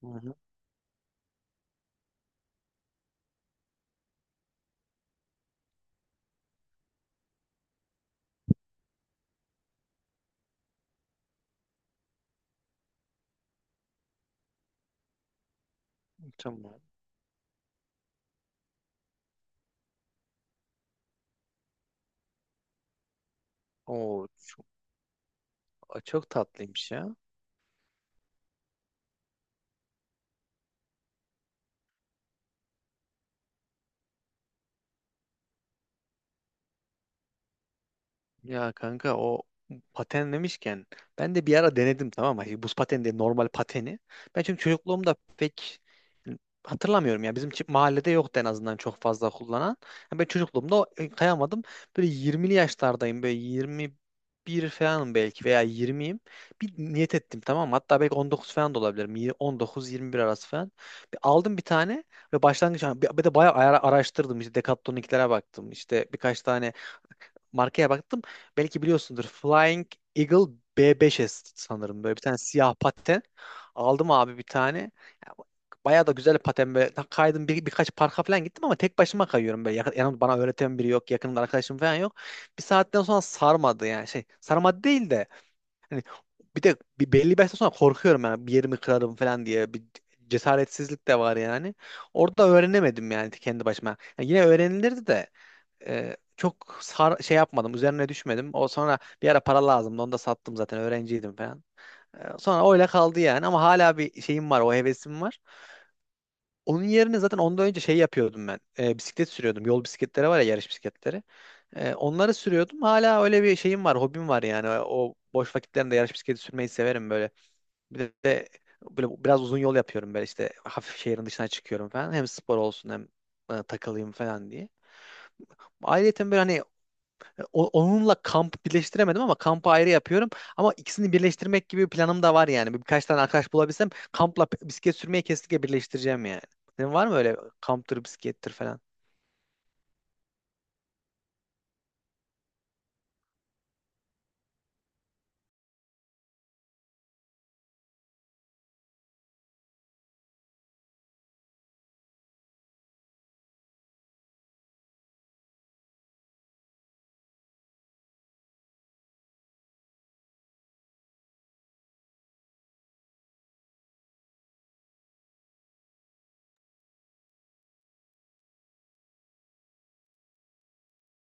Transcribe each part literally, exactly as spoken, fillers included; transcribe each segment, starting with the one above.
Hı hı, tamam. Oo, çok, çok tatlıymış ya. Ya kanka, o paten demişken, ben de bir ara denedim, tamam mı? Hani buz pateni değil, normal pateni. Ben çünkü çocukluğumda pek, hani hatırlamıyorum ya. Bizim çi- mahallede yoktu, en azından çok fazla kullanan. Yani ben çocukluğumda o- e, kayamadım. Böyle yirmili yaşlardayım, böyle yirmi bir falanım belki veya yirmiyim. Bir niyet ettim, tamam mı? Hatta belki on dokuz falan da olabilirim. Yir- on dokuz yirmi bir arası falan. Bir aldım bir tane, ve başlangıç bir bir de bayağı ara- araştırdım. İşte Decathlon'unkilere baktım. İşte birkaç tane markaya baktım. Belki biliyorsundur. Flying Eagle b beş sanırım. Böyle bir tane siyah paten. Aldım abi bir tane. Ya, bayağı da güzel paten böyle. Ta- Kaydım, bir, birkaç parka falan gittim ama tek başıma kayıyorum böyle. Yakın, yanımda bana öğreten biri yok. Yakınımda arkadaşım falan yok. Bir saatten sonra sarmadı yani, şey. Sarmadı değil de. Hani bir de bir belli bir yaştan sonra korkuyorum yani. Bir yerimi kırarım falan diye. Bir cesaretsizlik de var yani. Orada öğrenemedim yani, kendi başıma. Yani yine öğrenilirdi de e, çok sar, şey yapmadım. Üzerine düşmedim. O sonra bir ara para lazımdı. Onu da sattım zaten. Öğrenciydim falan. E, sonra öyle kaldı yani. Ama hala bir şeyim var. O hevesim var. Onun yerine zaten ondan önce şey yapıyordum ben. E, bisiklet sürüyordum. Yol bisikletleri var ya, yarış bisikletleri. E, onları sürüyordum. Hala öyle bir şeyim var. Hobim var yani. O boş vakitlerimde yarış bisikleti sürmeyi severim böyle. Bir de böyle biraz uzun yol yapıyorum böyle, işte hafif şehrin dışına çıkıyorum falan. Hem spor olsun, hem e, takılayım falan diye. Ayrıca böyle hani o- onunla kamp birleştiremedim ama kampı ayrı yapıyorum. Ama ikisini birleştirmek gibi bir planım da var yani. Birkaç tane arkadaş bulabilsem, kampla p- bisiklet sürmeyi kesinlikle birleştireceğim yani. Senin var mı öyle kamptır, bisiklettir falan?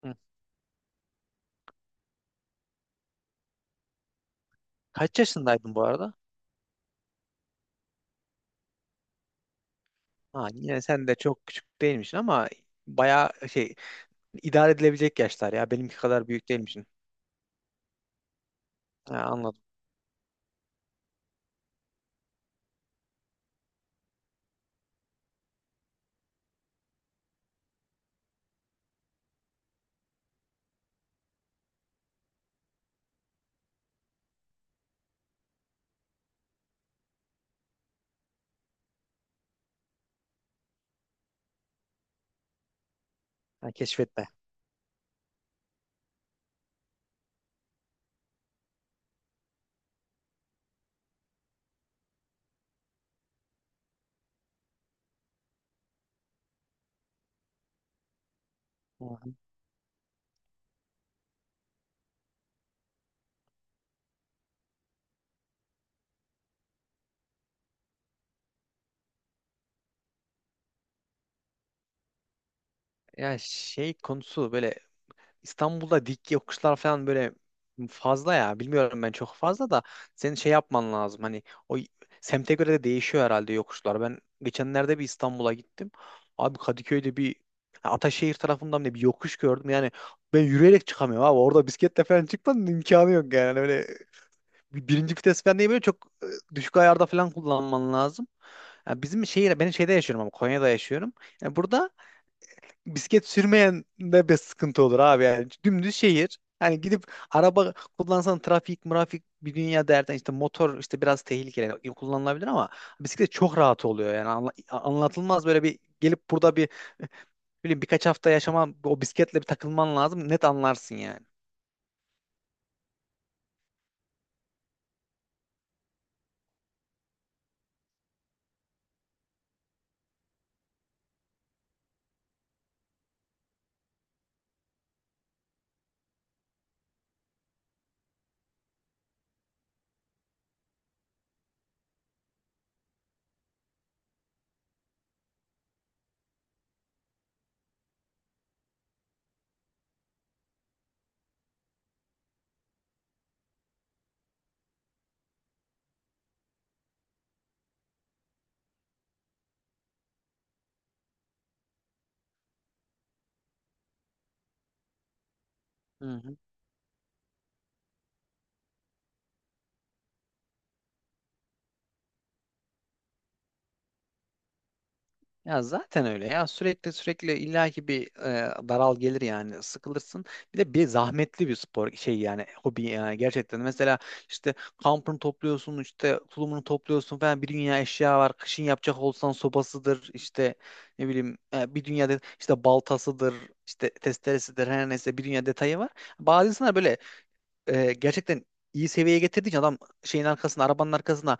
Hı. Kaç yaşındaydın bu arada? Ha, yine sen de çok küçük değilmişsin, ama bayağı şey, idare edilebilecek yaşlar ya. Benimki kadar büyük değilmişsin. Ha, anladım. Ha, keşfetme. Hı hı. Ya, şey konusu böyle, İstanbul'da dik yokuşlar falan böyle fazla ya. Bilmiyorum, ben çok fazla da, senin şey yapman lazım. Hani o y- semte göre de değişiyor herhalde yokuşlar. Ben geçenlerde bir İstanbul'a gittim. Abi Kadıköy'de bir, ha, Ataşehir tarafından da bir yokuş gördüm. Yani ben yürüyerek çıkamıyorum abi. Orada bisikletle falan çıkmanın imkanı yok yani. Öyle bir- birinci vites falan değil, böyle çok e, düşük ayarda falan kullanman lazım. Yani bizim şehir, ben şeyde yaşıyorum ama, Konya'da yaşıyorum. Yani burada bisiklet sürmeyen de bir sıkıntı olur abi yani. Dümdüz şehir. Yani gidip araba kullansan trafik, murafik bir dünya derden, işte motor işte biraz tehlikeli kullanılabilir ama bisiklet çok rahat oluyor yani. Anla- anlatılmaz, böyle bir gelip burada bir bileyim birkaç hafta yaşaman, o bisikletle bir takılman lazım, net anlarsın yani. Ya zaten öyle ya, sürekli sürekli illaki bir e, daral gelir yani, sıkılırsın. Bir de bir zahmetli bir spor şey yani, hobi yani, gerçekten. Mesela işte kampını topluyorsun, işte tulumunu topluyorsun falan, bir dünya eşya var. Kışın yapacak olsan sobasıdır, işte ne bileyim, e, bir dünya de, işte baltasıdır, işte testeresidir, her neyse, bir dünya detayı var. Bazı insanlar böyle e, gerçekten iyi seviyeye getirdiği için adam, şeyin arkasına, arabanın arkasına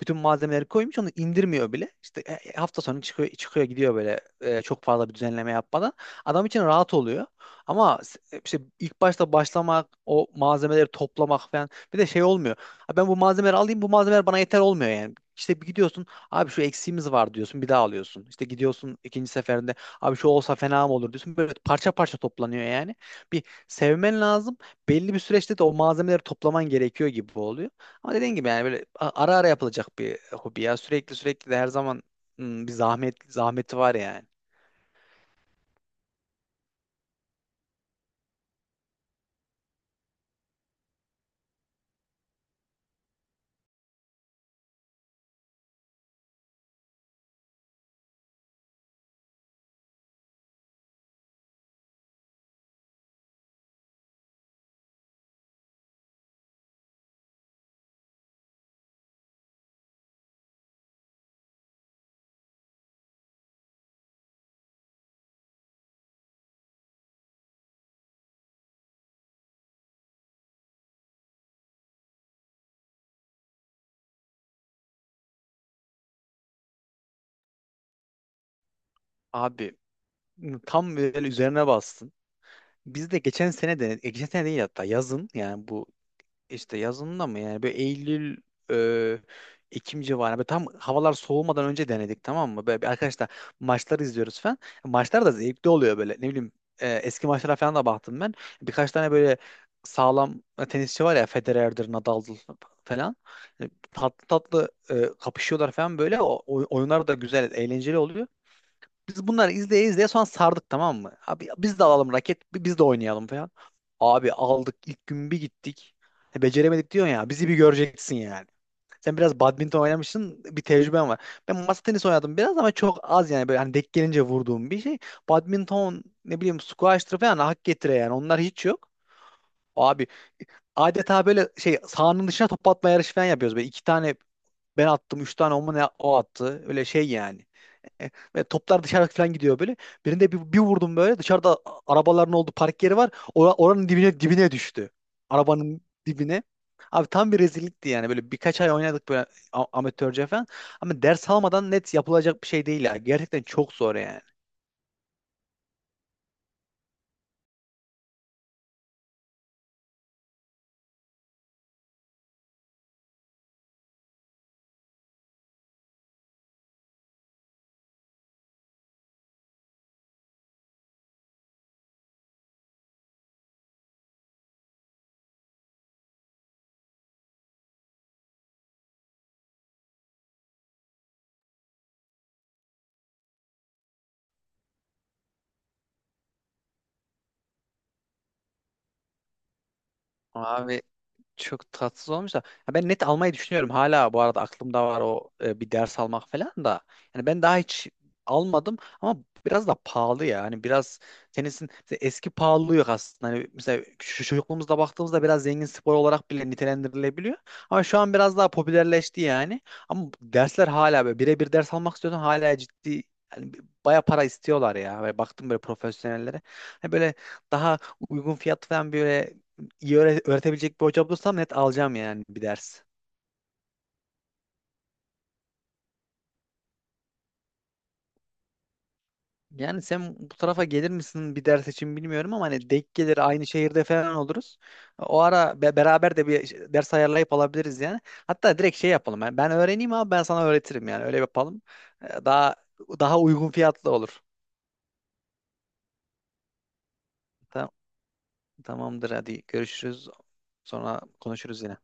bütün malzemeleri koymuş, onu indirmiyor bile. İşte e, e, hafta sonu çıkıyor, çıkıyor gidiyor böyle, e, çok fazla bir düzenleme yapmadan. Adam için rahat oluyor. Ama s- e, işte ilk başta başlamak, o malzemeleri toplamak falan, bir de şey olmuyor. Ha, ben bu malzemeleri alayım, bu malzemeler bana yeter, olmuyor yani. İşte bir gidiyorsun abi, şu eksiğimiz var diyorsun, bir daha alıyorsun. İşte gidiyorsun ikinci seferinde abi, şu olsa fena mı olur diyorsun. Böyle parça parça toplanıyor yani. Bir sevmen lazım. Belli bir süreçte de o malzemeleri toplaman gerekiyor gibi oluyor. Ama dediğin gibi yani, böyle a- ara ara yapılacak bir hobi ya. Sürekli sürekli de her zaman hmm, bir zahmet zahmeti var yani. Abi hmm, tam böyle üzerine bastın. Biz de geçen sene de e, geçen sene değil hatta, yazın yani, bu İşte yazında mı yani, böyle Eylül, e, Ekim civarı, böyle tam havalar soğumadan önce denedik, tamam mı? Böyle bir arkadaşlar, maçları izliyoruz falan. Maçlar da zevkli oluyor, böyle ne bileyim, e, eski maçlara falan da baktım ben. Birkaç tane böyle sağlam e, tenisçi var ya, Federer'dir, Nadal'dır falan. Yani tatlı tatlı e, kapışıyorlar falan böyle. O, oy- oyunlar da güzel, eğlenceli oluyor. Biz bunları izleye izleye sonra sardık, tamam mı? Abi biz de alalım raket, bi- biz de oynayalım falan. Abi aldık ilk gün bir gittik. E, beceremedik diyorsun ya. Bizi bir göreceksin yani. Sen biraz badminton oynamışsın, bir tecrüben var. Ben masa tenisi oynadım biraz ama çok az yani, böyle hani denk gelince vurduğum bir şey. Badminton ne bileyim, squash'tır falan hak getire yani. Onlar hiç yok. Abi adeta böyle, şey, sahanın dışına top atma yarışı falan yapıyoruz. Böyle iki tane ben attım, üç tane o mu ne o attı. Öyle şey yani. E, Ve toplar dışarı falan gidiyor böyle. Birinde bir, bir vurdum böyle. Dışarıda a- arabaların olduğu park yeri var. Ora- oranın dibine dibine düştü. Arabanın dibine. Abi tam bir rezillikti yani. Böyle birkaç ay oynadık böyle, a- amatörce falan. Ama ders almadan net yapılacak bir şey değil ya. Gerçekten çok zor yani. Abi çok tatsız olmuş da. Ya ben net almayı düşünüyorum. Hala bu arada aklımda var o, e, bir ders almak falan da. Yani ben daha hiç almadım ama biraz da pahalı ya. Hani biraz, tenisin mesela eski pahalılığı yok aslında. Hani mesela şu çocukluğumuzda baktığımızda biraz zengin spor olarak bile nitelendirilebiliyor. Ama şu an biraz daha popülerleşti yani. Ama dersler hala böyle birebir ders almak istiyorsan hala ciddi yani, baya para istiyorlar ya. Böyle baktım böyle profesyonellere. Hani böyle daha uygun fiyat falan, böyle iyi öğre- öğretebilecek bir hoca bulursam net alacağım yani bir ders. Yani sen bu tarafa gelir misin bir ders için bilmiyorum ama hani denk gelir aynı şehirde falan oluruz. O ara be- beraber de bir ş- ders ayarlayıp alabiliriz yani. Hatta direkt şey yapalım. Yani ben öğreneyim abi, ben sana öğretirim yani. Öyle yapalım. Ee, Daha daha uygun fiyatlı olur. Ta- Tamamdır, hadi görüşürüz. Sonra konuşuruz yine.